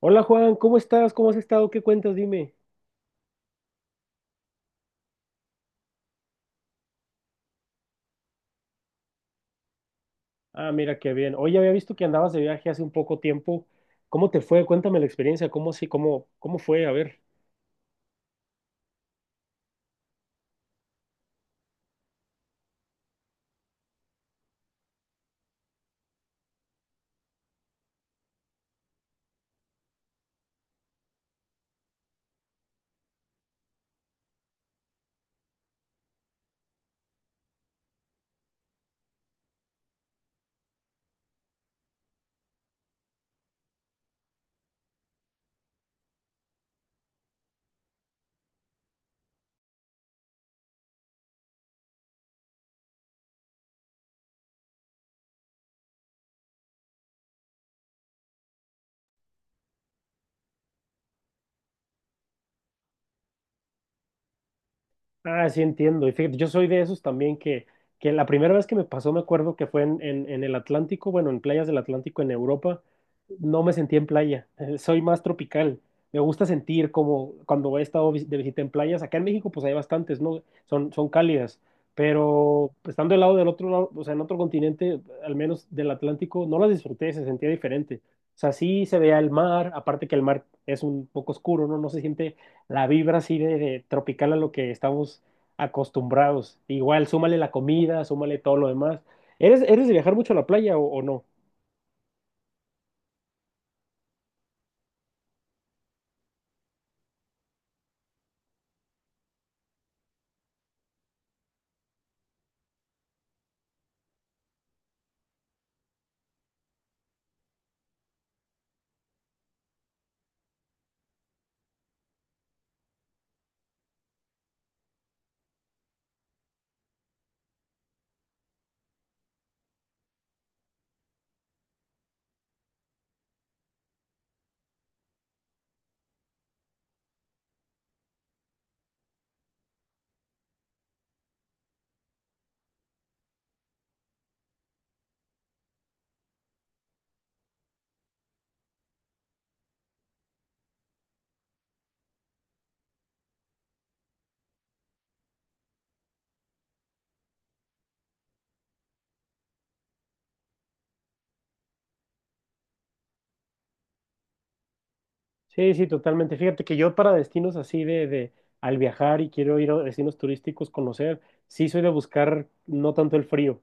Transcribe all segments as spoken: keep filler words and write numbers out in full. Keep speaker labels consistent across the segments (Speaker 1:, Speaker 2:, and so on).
Speaker 1: Hola Juan, ¿cómo estás? ¿Cómo has estado? ¿Qué cuentas? Dime. Ah, mira, qué bien. Oye, había visto que andabas de viaje hace un poco tiempo. ¿Cómo te fue? Cuéntame la experiencia. ¿Cómo sí? ¿Cómo, cómo fue? A ver. Ah, sí, entiendo. Y fíjate, yo soy de esos también que, que la primera vez que me pasó, me acuerdo que fue en, en, en el Atlántico, bueno, en playas del Atlántico en Europa, no me sentí en playa, soy más tropical. Me gusta sentir como cuando he estado vis- de visita en playas, acá en México pues hay bastantes, ¿no? Son, son cálidas, pero pues, estando del lado del otro lado, o sea, en otro continente, al menos del Atlántico, no las disfruté, se sentía diferente. O sea, sí se veía el mar, aparte que el mar es un poco oscuro, ¿no? No se siente la vibra así de, de tropical a lo que estamos acostumbrados. Igual, súmale la comida, súmale todo lo demás. ¿Eres, eres de viajar mucho a la playa o, o no? Sí, sí, totalmente. Fíjate que yo para destinos así de, de al viajar y quiero ir a destinos turísticos, conocer, sí soy de buscar no tanto el frío.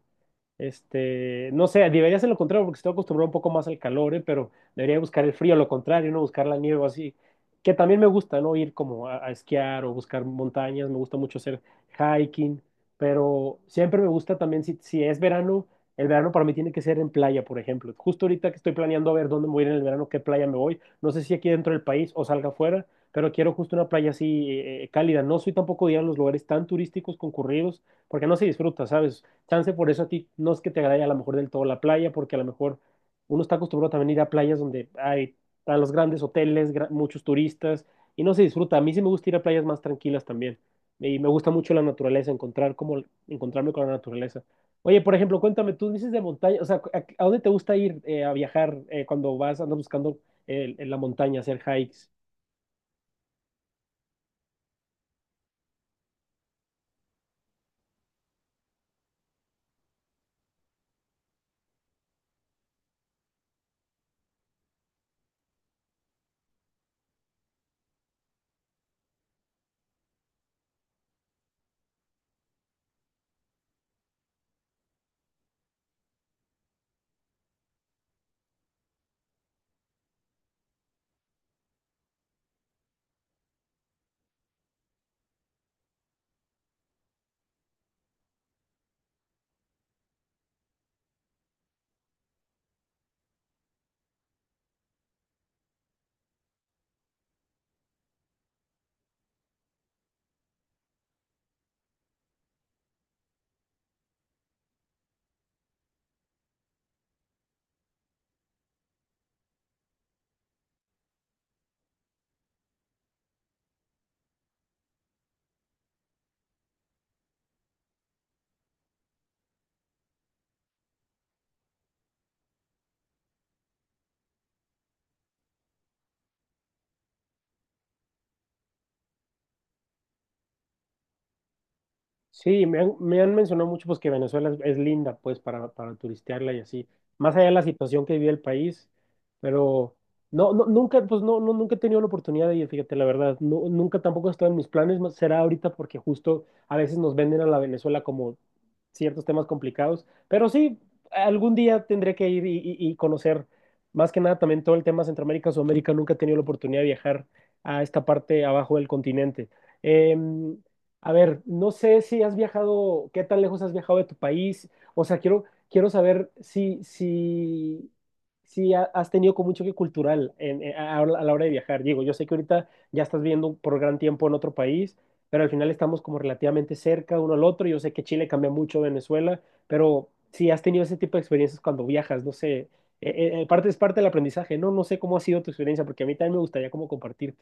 Speaker 1: Este, no sé, debería ser lo contrario porque estoy acostumbrado un poco más al calor, ¿eh? Pero debería buscar el frío, lo contrario, no buscar la nieve o así. Que también me gusta, ¿no? Ir como a, a esquiar o buscar montañas, me gusta mucho hacer hiking, pero siempre me gusta también, si, si es verano, el verano para mí tiene que ser en playa, por ejemplo. Justo ahorita que estoy planeando a ver dónde me voy a ir en el verano, qué playa me voy, no sé si aquí dentro del país o salga afuera, pero quiero justo una playa así eh, eh, cálida. No soy tampoco de ir a los lugares tan turísticos concurridos, porque no se disfruta, ¿sabes? Chance por eso a ti no es que te agrade a lo mejor del todo la playa, porque a lo mejor uno está acostumbrado también a ir a playas donde hay están los grandes hoteles, gra- muchos turistas, y no se disfruta. A mí sí me gusta ir a playas más tranquilas también. Y me gusta mucho la naturaleza, encontrar como, encontrarme con la naturaleza. Oye, por ejemplo, cuéntame, tú dices de montaña, o sea, ¿a, a dónde te gusta ir eh, a viajar eh, cuando vas, andas buscando eh, en la montaña, hacer hikes? Sí, me han, me han mencionado mucho pues que Venezuela es, es linda pues para, para turistearla y así, más allá de la situación que vive el país, pero no, no, nunca, pues no, no, nunca he tenido la oportunidad de ir, fíjate, la verdad, no, nunca tampoco está en mis planes, más será ahorita porque justo a veces nos venden a la Venezuela como ciertos temas complicados, pero sí, algún día tendré que ir y, y- y conocer más que nada también todo el tema Centroamérica, Sudamérica, nunca he tenido la oportunidad de viajar a esta parte abajo del continente. Eh, a ver, no sé si has viajado, qué tan lejos has viajado de tu país. O sea, quiero, quiero saber si, si, si ha- has tenido como un choque cultural en- en- a, a la hora de viajar. Digo, yo sé que ahorita ya estás viviendo por gran tiempo en otro país, pero al final estamos como relativamente cerca uno al otro. Yo sé que Chile cambia mucho, Venezuela, pero si has tenido ese tipo de experiencias cuando viajas, no sé. Eh, eh, eh, parte es parte del aprendizaje, ¿no? No sé cómo ha sido tu experiencia, porque a mí también me gustaría como compartir.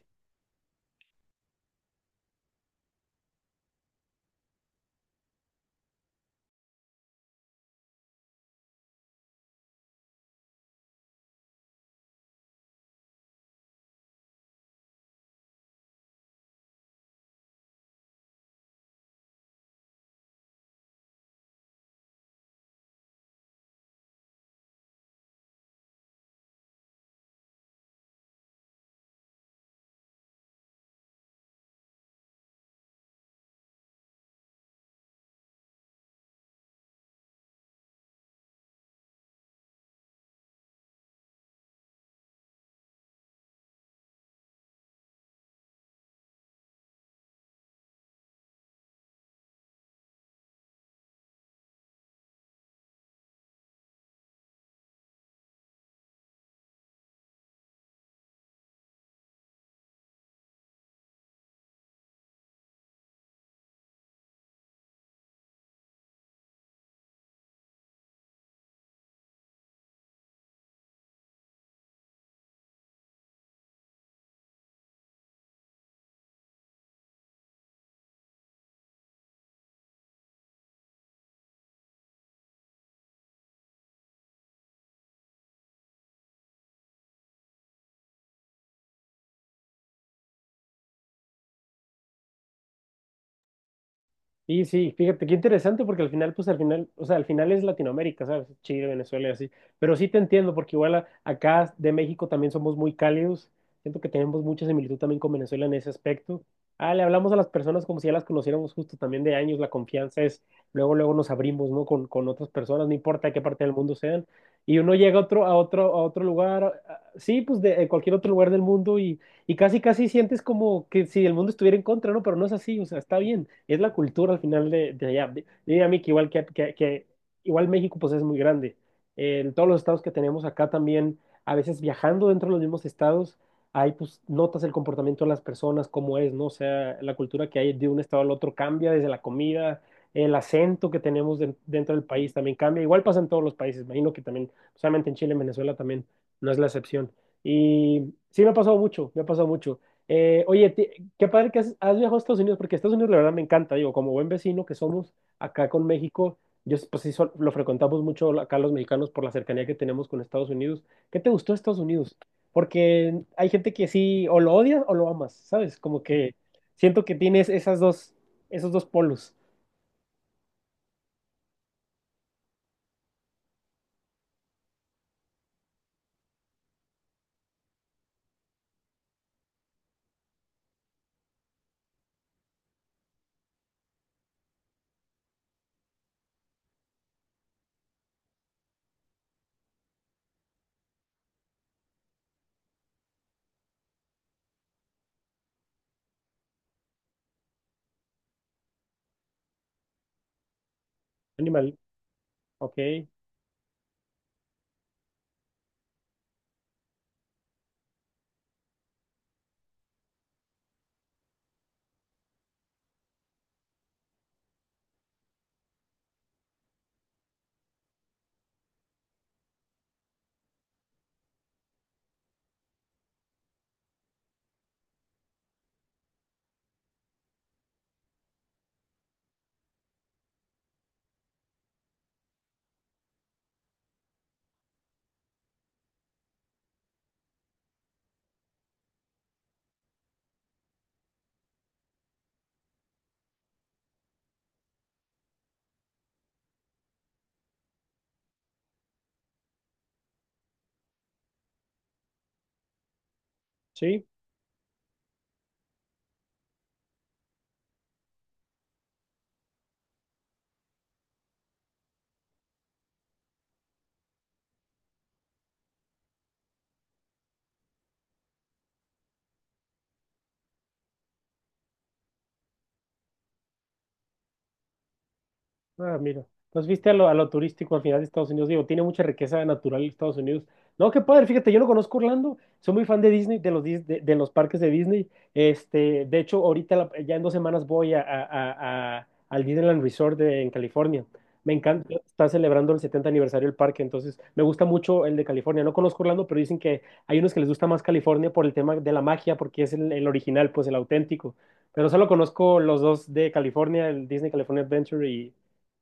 Speaker 1: Y sí, fíjate, qué interesante porque al final, pues al final, o sea, al final es Latinoamérica, ¿sabes? Chile, Venezuela y así. Pero sí te entiendo porque igual a- acá de México también somos muy cálidos. Siento que tenemos mucha similitud también con Venezuela en ese aspecto. Ah, le hablamos a las personas como si ya las conociéramos justo también de años. La confianza es, luego, luego nos abrimos, ¿no? Con, con otras personas, no importa de qué parte del mundo sean. Y uno llega a otro, a otro, a otro lugar, a- a- sí, pues de, de cualquier otro lugar del mundo y casi, casi sientes como que si el mundo estuviera en contra, ¿no? Pero no es así, o sea, está bien, es la cultura al final de, de allá. Di- Diría a mí que igual, que, que- que igual México pues es muy grande. En todos los estados que tenemos acá también, a veces viajando dentro de los mismos estados, ahí pues notas el comportamiento de las personas, cómo es, ¿no? O sea, la cultura que hay de un estado al otro cambia desde la comida. El acento que tenemos den- dentro del país también cambia. Igual pasa en todos los países. Me imagino que también, solamente en Chile, en Venezuela también no es la excepción. Y sí, me ha pasado mucho, me ha pasado mucho. Eh, oye, ti- qué padre que has, has viajado a Estados Unidos, porque Estados Unidos la verdad me encanta, digo, como buen vecino que somos acá con México, yo s- pues sí sol- lo frecuentamos mucho acá los mexicanos por la cercanía que tenemos con Estados Unidos. ¿Qué te gustó de Estados Unidos? Porque hay gente que sí, o lo odias o lo amas, ¿sabes? Como que siento que tienes esas dos, esos dos polos. Animal, ok, sí. Ah, mira. Entonces viste a lo, a lo turístico al final de Estados Unidos. Digo, tiene mucha riqueza natural Estados Unidos. No, qué padre, fíjate, yo no conozco Orlando. Soy muy fan de Disney, de los, Dis- de, de los parques de Disney. Este, de hecho, ahorita la- ya en dos semanas voy a, a- a- a- al Disneyland Resort de- en California. Me encanta, está celebrando el setenta aniversario del parque, entonces me gusta mucho el de California. No conozco Orlando, pero dicen que hay unos que les gusta más California por el tema de la magia, porque es el, el original, pues el auténtico. Pero solo conozco los dos de California, el Disney California Adventure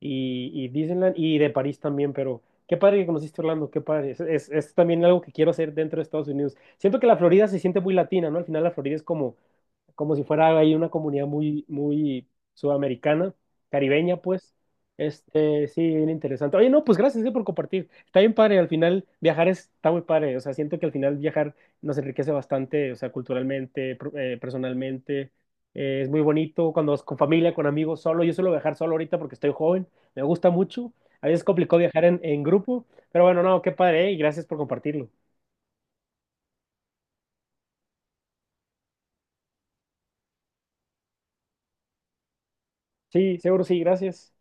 Speaker 1: y, y Disneyland y de París también, pero qué padre que conociste Orlando, qué padre. Es, es, es también algo que quiero hacer dentro de Estados Unidos. Siento que la Florida se siente muy latina, ¿no? Al final la Florida es como, como si fuera ahí una comunidad muy, muy sudamericana, caribeña, pues. Este, sí, bien interesante. Oye, no, pues gracias eh, por compartir. Está bien padre, al final viajar es- está muy padre. O sea, siento que al final viajar nos enriquece bastante, o sea, culturalmente, pro- eh, personalmente. Eh, es muy bonito cuando vas con familia, con amigos, solo. Yo suelo viajar solo ahorita porque estoy joven, me gusta mucho. A veces es complicado viajar en, en grupo, pero bueno, no, qué padre, eh, y gracias por compartirlo. Sí, seguro sí, gracias.